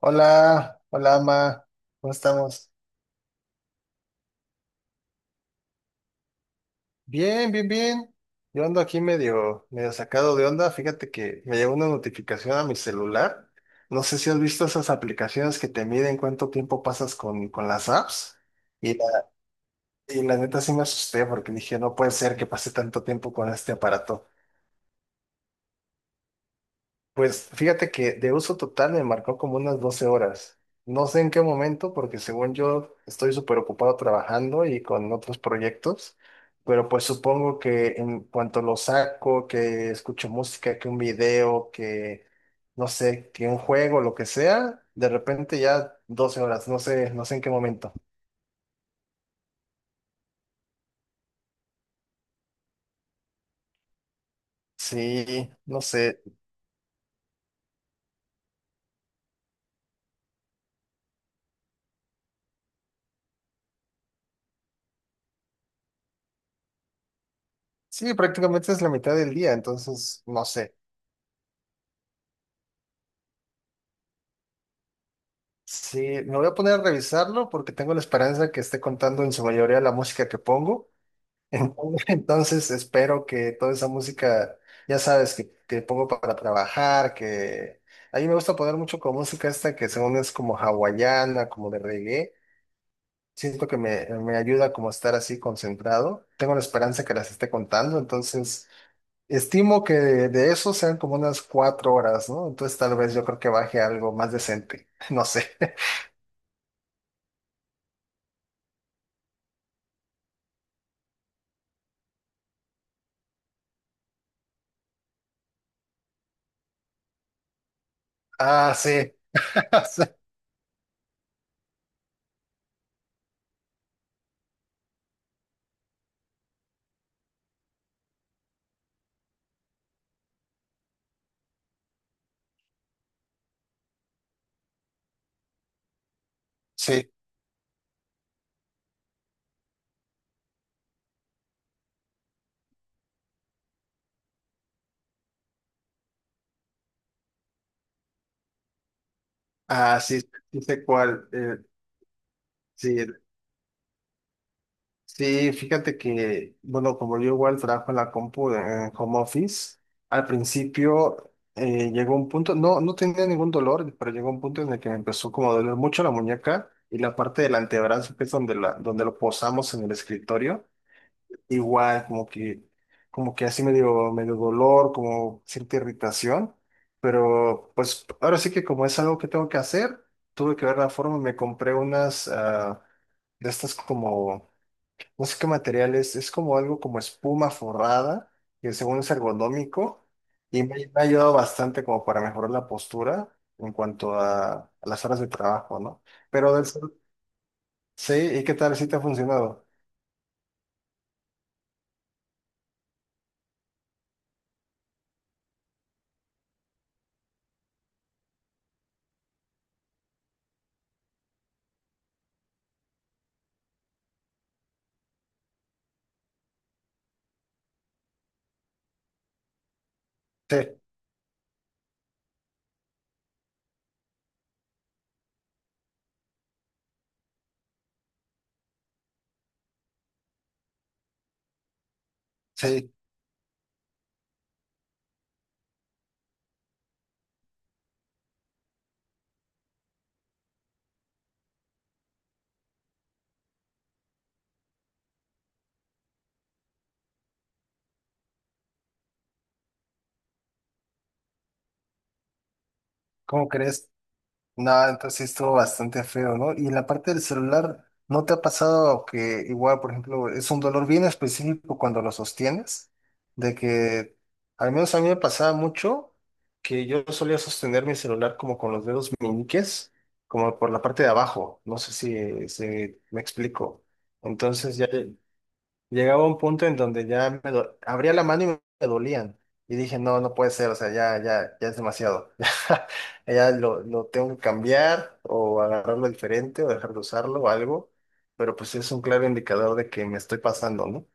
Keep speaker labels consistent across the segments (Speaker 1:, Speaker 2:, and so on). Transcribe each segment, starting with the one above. Speaker 1: Hola, hola, ma. ¿Cómo estamos? Bien, bien, bien. Yo ando aquí medio sacado de onda. Fíjate que me llegó una notificación a mi celular. No sé si has visto esas aplicaciones que te miden cuánto tiempo pasas con las apps. Y la, y la neta sí me asusté porque dije, no puede ser que pase tanto tiempo con este aparato. Pues fíjate que de uso total me marcó como unas 12 horas. No sé en qué momento, porque según yo estoy súper ocupado trabajando y con otros proyectos, pero pues supongo que en cuanto lo saco, que escucho música, que un video, que no sé, que un juego, lo que sea, de repente ya 12 horas, no sé, no sé en qué momento. Sí, no sé. Sí, prácticamente es la mitad del día, entonces no sé. Sí, me voy a poner a revisarlo porque tengo la esperanza que esté contando en su mayoría la música que pongo. Entonces entonces espero que toda esa música, ya sabes, que pongo para trabajar, que a mí me gusta poner mucho con música esta que según es como hawaiana, como de reggae. Siento que me ayuda como a estar así concentrado. Tengo la esperanza que las esté contando, entonces estimo que de eso sean como unas 4 horas, ¿no? Entonces tal vez yo creo que baje algo más decente, no sé. Ah, sí. Sí, ah, sí, sí sé cuál. Sí, sí, fíjate que, bueno, como yo igual trabajo en la compu en home office, al principio llegó un punto, no, no tenía ningún dolor, pero llegó un punto en el que me empezó como a doler mucho la muñeca y la parte del antebrazo, que es donde, la, donde lo posamos en el escritorio. Igual, como que así medio dolor, como cierta irritación, pero pues ahora sí que como es algo que tengo que hacer, tuve que ver la forma, me compré unas de estas como, no sé qué material es como algo como espuma forrada, que según es ergonómico, y me ha ayudado bastante como para mejorar la postura en cuanto a las horas de trabajo, ¿no? Pero del, sí, ¿y qué tal si te ha funcionado? Sí, sí, ¿cómo crees? No, entonces sí estuvo bastante feo, ¿no? Y en la parte del celular, ¿no te ha pasado que igual, por ejemplo, es un dolor bien específico cuando lo sostienes? De que, al menos a mí me pasaba mucho que yo solía sostener mi celular como con los dedos meñiques, como por la parte de abajo, no sé si, si me explico. Entonces ya, llegaba un punto en donde ya me abría la mano y me dolían. Y dije, no, no puede ser, o sea, ya, ya, ya es demasiado. Ya lo tengo que cambiar o agarrarlo diferente o dejar de usarlo o algo. Pero pues es un claro indicador de que me estoy pasando, ¿no?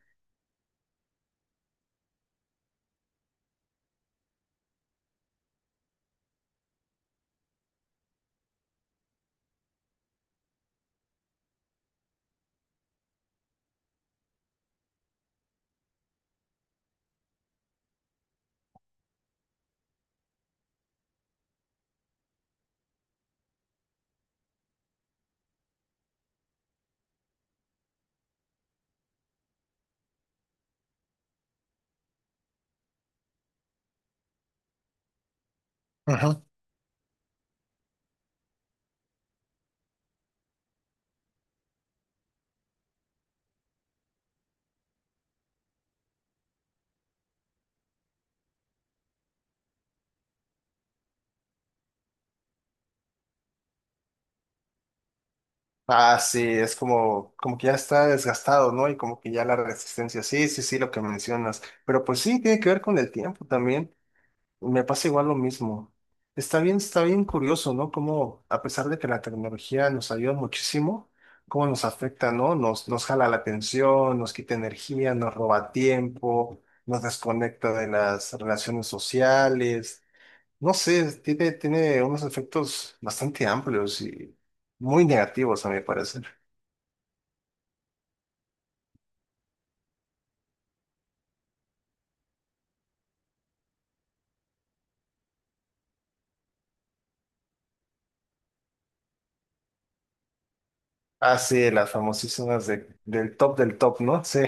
Speaker 1: Ajá. Ah, sí, es como, como que ya está desgastado, ¿no? Y como que ya la resistencia, sí, sí, sí, lo que mencionas. Pero pues sí, tiene que ver con el tiempo también. Me pasa igual lo mismo. Está bien curioso, ¿no? Cómo, a pesar de que la tecnología nos ayuda muchísimo, cómo nos afecta, ¿no? Nos jala la atención, nos quita energía, nos roba tiempo, nos desconecta de las relaciones sociales. No sé, tiene, tiene unos efectos bastante amplios y muy negativos, a mi parecer. Ah, sí, las famosísimas del top, ¿no? Sí.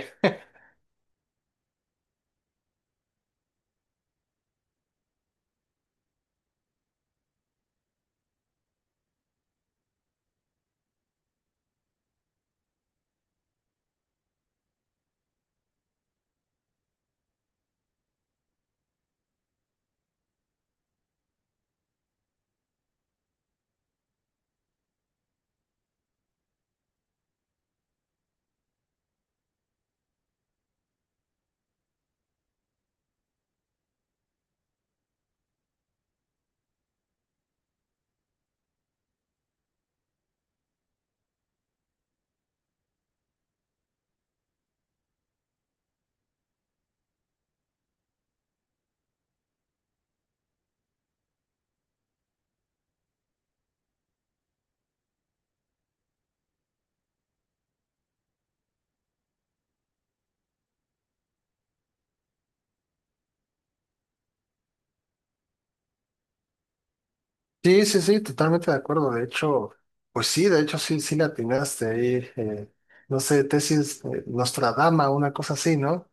Speaker 1: Sí, sí, sí, totalmente de acuerdo. De hecho, pues sí, de hecho sí, sí la atinaste ahí. No sé, tesis Nostradama, una cosa así, ¿no?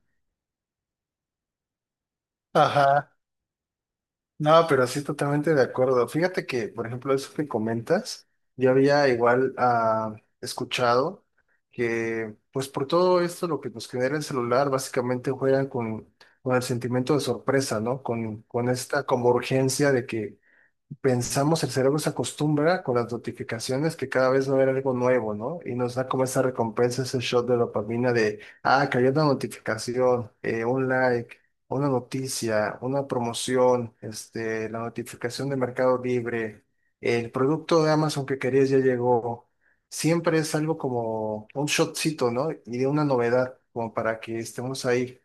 Speaker 1: Ajá. No, pero sí, totalmente de acuerdo. Fíjate que, por ejemplo, eso que comentas, yo había igual escuchado que, pues por todo esto, lo que nos genera el celular, básicamente juegan con el sentimiento de sorpresa, ¿no? Con esta como urgencia de que pensamos, el cerebro se acostumbra con las notificaciones que cada vez no era algo nuevo, ¿no? Y nos da como esa recompensa, ese shot de dopamina de, ah, cayó una notificación, un like, una noticia, una promoción, este, la notificación de Mercado Libre, el producto de Amazon que querías ya llegó. Siempre es algo como un shotcito, ¿no? Y de una novedad, como para que estemos ahí.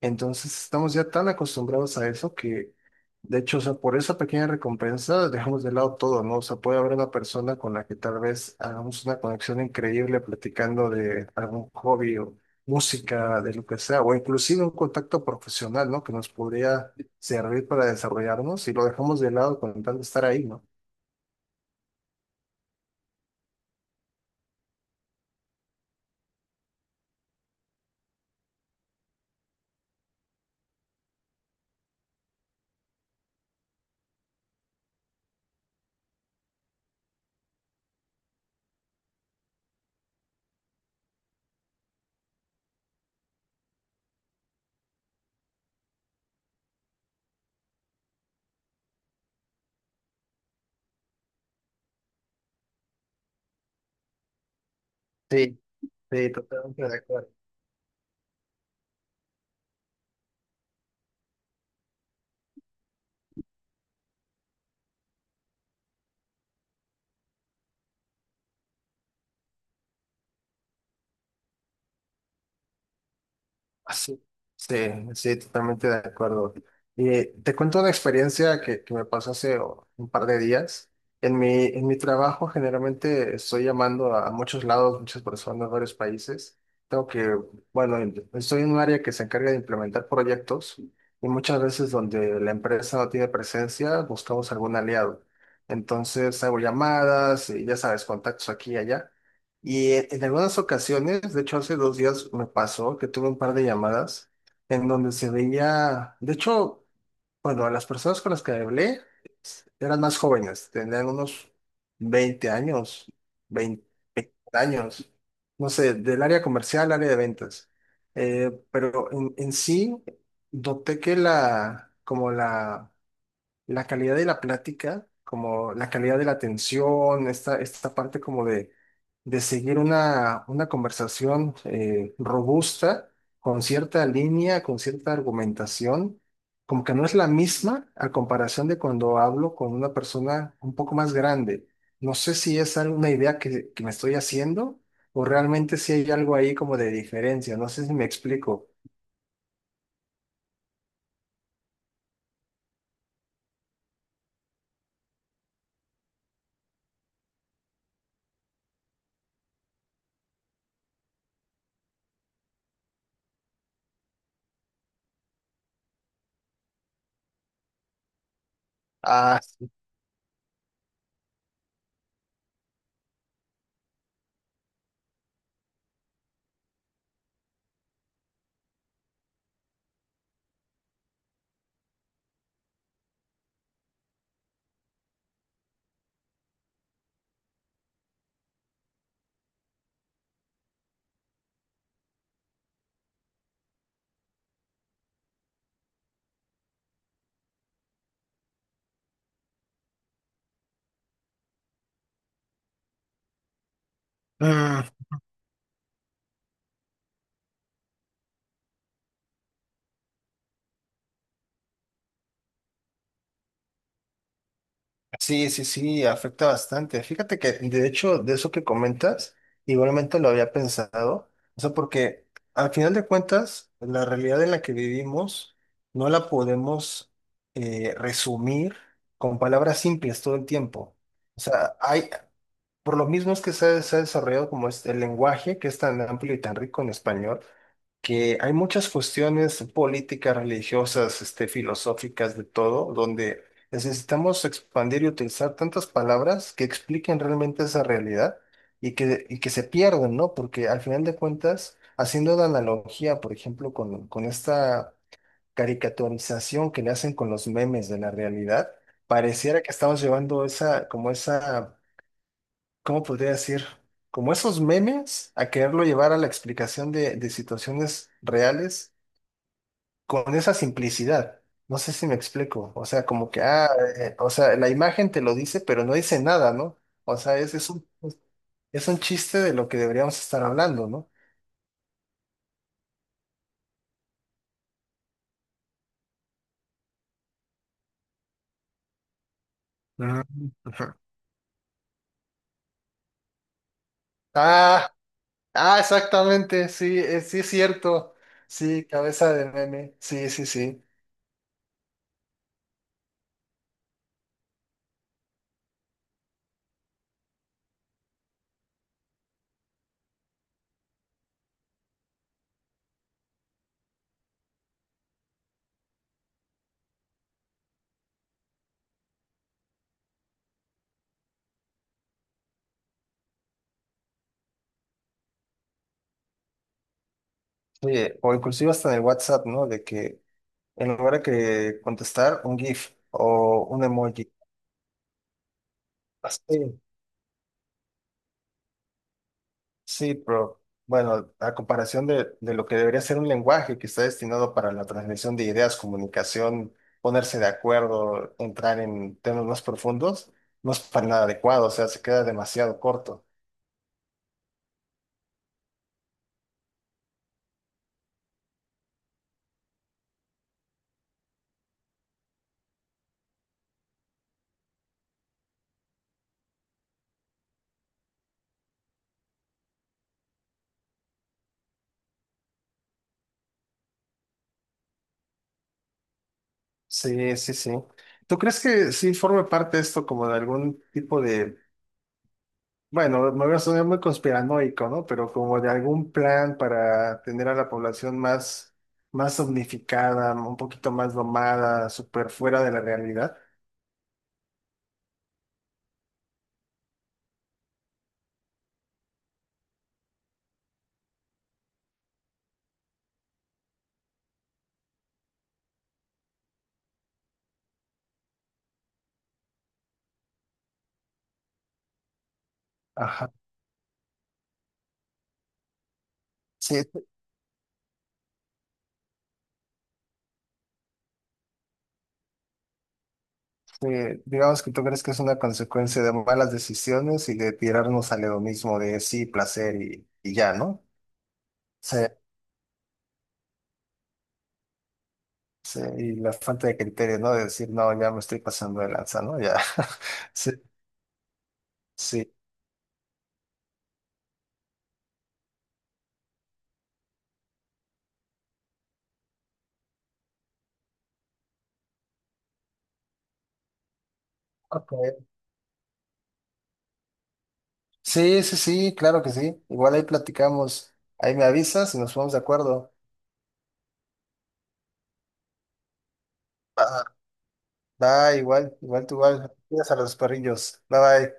Speaker 1: Entonces estamos ya tan acostumbrados a eso que de hecho, o sea, por esa pequeña recompensa dejamos de lado todo, ¿no? O sea, puede haber una persona con la que tal vez hagamos una conexión increíble platicando de algún hobby o música, de lo que sea, o inclusive un contacto profesional, ¿no? Que nos podría servir para desarrollarnos y lo dejamos de lado con tal de estar ahí, ¿no? Sí, sí, totalmente de acuerdo. Ah, sí, sí, sí, totalmente de acuerdo. Y te cuento una experiencia que me pasó hace un par de días. En mi trabajo generalmente estoy llamando a muchos lados, muchas personas, varios países. Tengo que, bueno, estoy en un área que se encarga de implementar proyectos y muchas veces donde la empresa no tiene presencia, buscamos algún aliado. Entonces hago llamadas y ya sabes, contactos aquí y allá. Y en algunas ocasiones, de hecho hace 2 días me pasó que tuve un par de llamadas en donde se veía, de hecho, bueno, las personas con las que hablé eran más jóvenes, tenían unos 20 años, 20 años, no sé, del área comercial, área de ventas. Pero en sí, noté que la, como la calidad de la plática, como la calidad de la atención, esta parte como de seguir una conversación robusta, con cierta línea, con cierta argumentación, como que no es la misma a comparación de cuando hablo con una persona un poco más grande. No sé si es alguna idea que me estoy haciendo o realmente si hay algo ahí como de diferencia, no sé si me explico. Ah, sí, sí, sí, afecta bastante. Fíjate que, de hecho, de eso que comentas, igualmente lo había pensado. O sea, porque al final de cuentas, la realidad en la que vivimos no la podemos resumir con palabras simples todo el tiempo. O sea, hay, por lo mismo es que se ha desarrollado como este, el lenguaje que es tan amplio y tan rico en español, que hay muchas cuestiones políticas, religiosas, este, filosóficas, de todo, donde necesitamos expandir y utilizar tantas palabras que expliquen realmente esa realidad y que se pierden, ¿no? Porque al final de cuentas, haciendo la analogía, por ejemplo, con esta caricaturización que le hacen con los memes de la realidad, pareciera que estamos llevando esa, como esa ¿cómo podría decir? Como esos memes, a quererlo llevar a la explicación de situaciones reales con esa simplicidad. No sé si me explico. O sea, como que, ah, o sea, la imagen te lo dice, pero no dice nada, ¿no? O sea, es un chiste de lo que deberíamos estar hablando, ¿no? Mm, ajá. Ah, ah, exactamente, sí, sí es cierto. Sí, cabeza de meme, sí, sí, sí. Oye, o inclusive hasta en el WhatsApp, ¿no? De que en lugar de que contestar, un GIF o un emoji. Sí, sí, pero bueno, a comparación de lo que debería ser un lenguaje que está destinado para la transmisión de ideas, comunicación, ponerse de acuerdo, entrar en temas más profundos, no es para nada adecuado, o sea, se queda demasiado corto. Sí, sí, sí. ¿Tú crees que sí forme parte esto como de algún tipo de bueno, me voy a sonar muy conspiranoico, ¿no? Pero como de algún plan para tener a la población más, más omnificada, un poquito más domada, súper fuera de la realidad. Ajá. Sí, sí, digamos que tú crees que es una consecuencia de malas decisiones y de tirarnos al hedonismo de sí, placer y ya, ¿no? Sí, sí, y la falta de criterio, ¿no? De decir, no, ya me estoy pasando de lanza, ¿no? Ya. Sí, sí. Ok. Sí, sí, sí, claro que sí. Igual ahí platicamos. Ahí me avisas y nos ponemos de acuerdo. Va, va, igual, igual tú igual. Cuidas a los perrillos. Bye bye.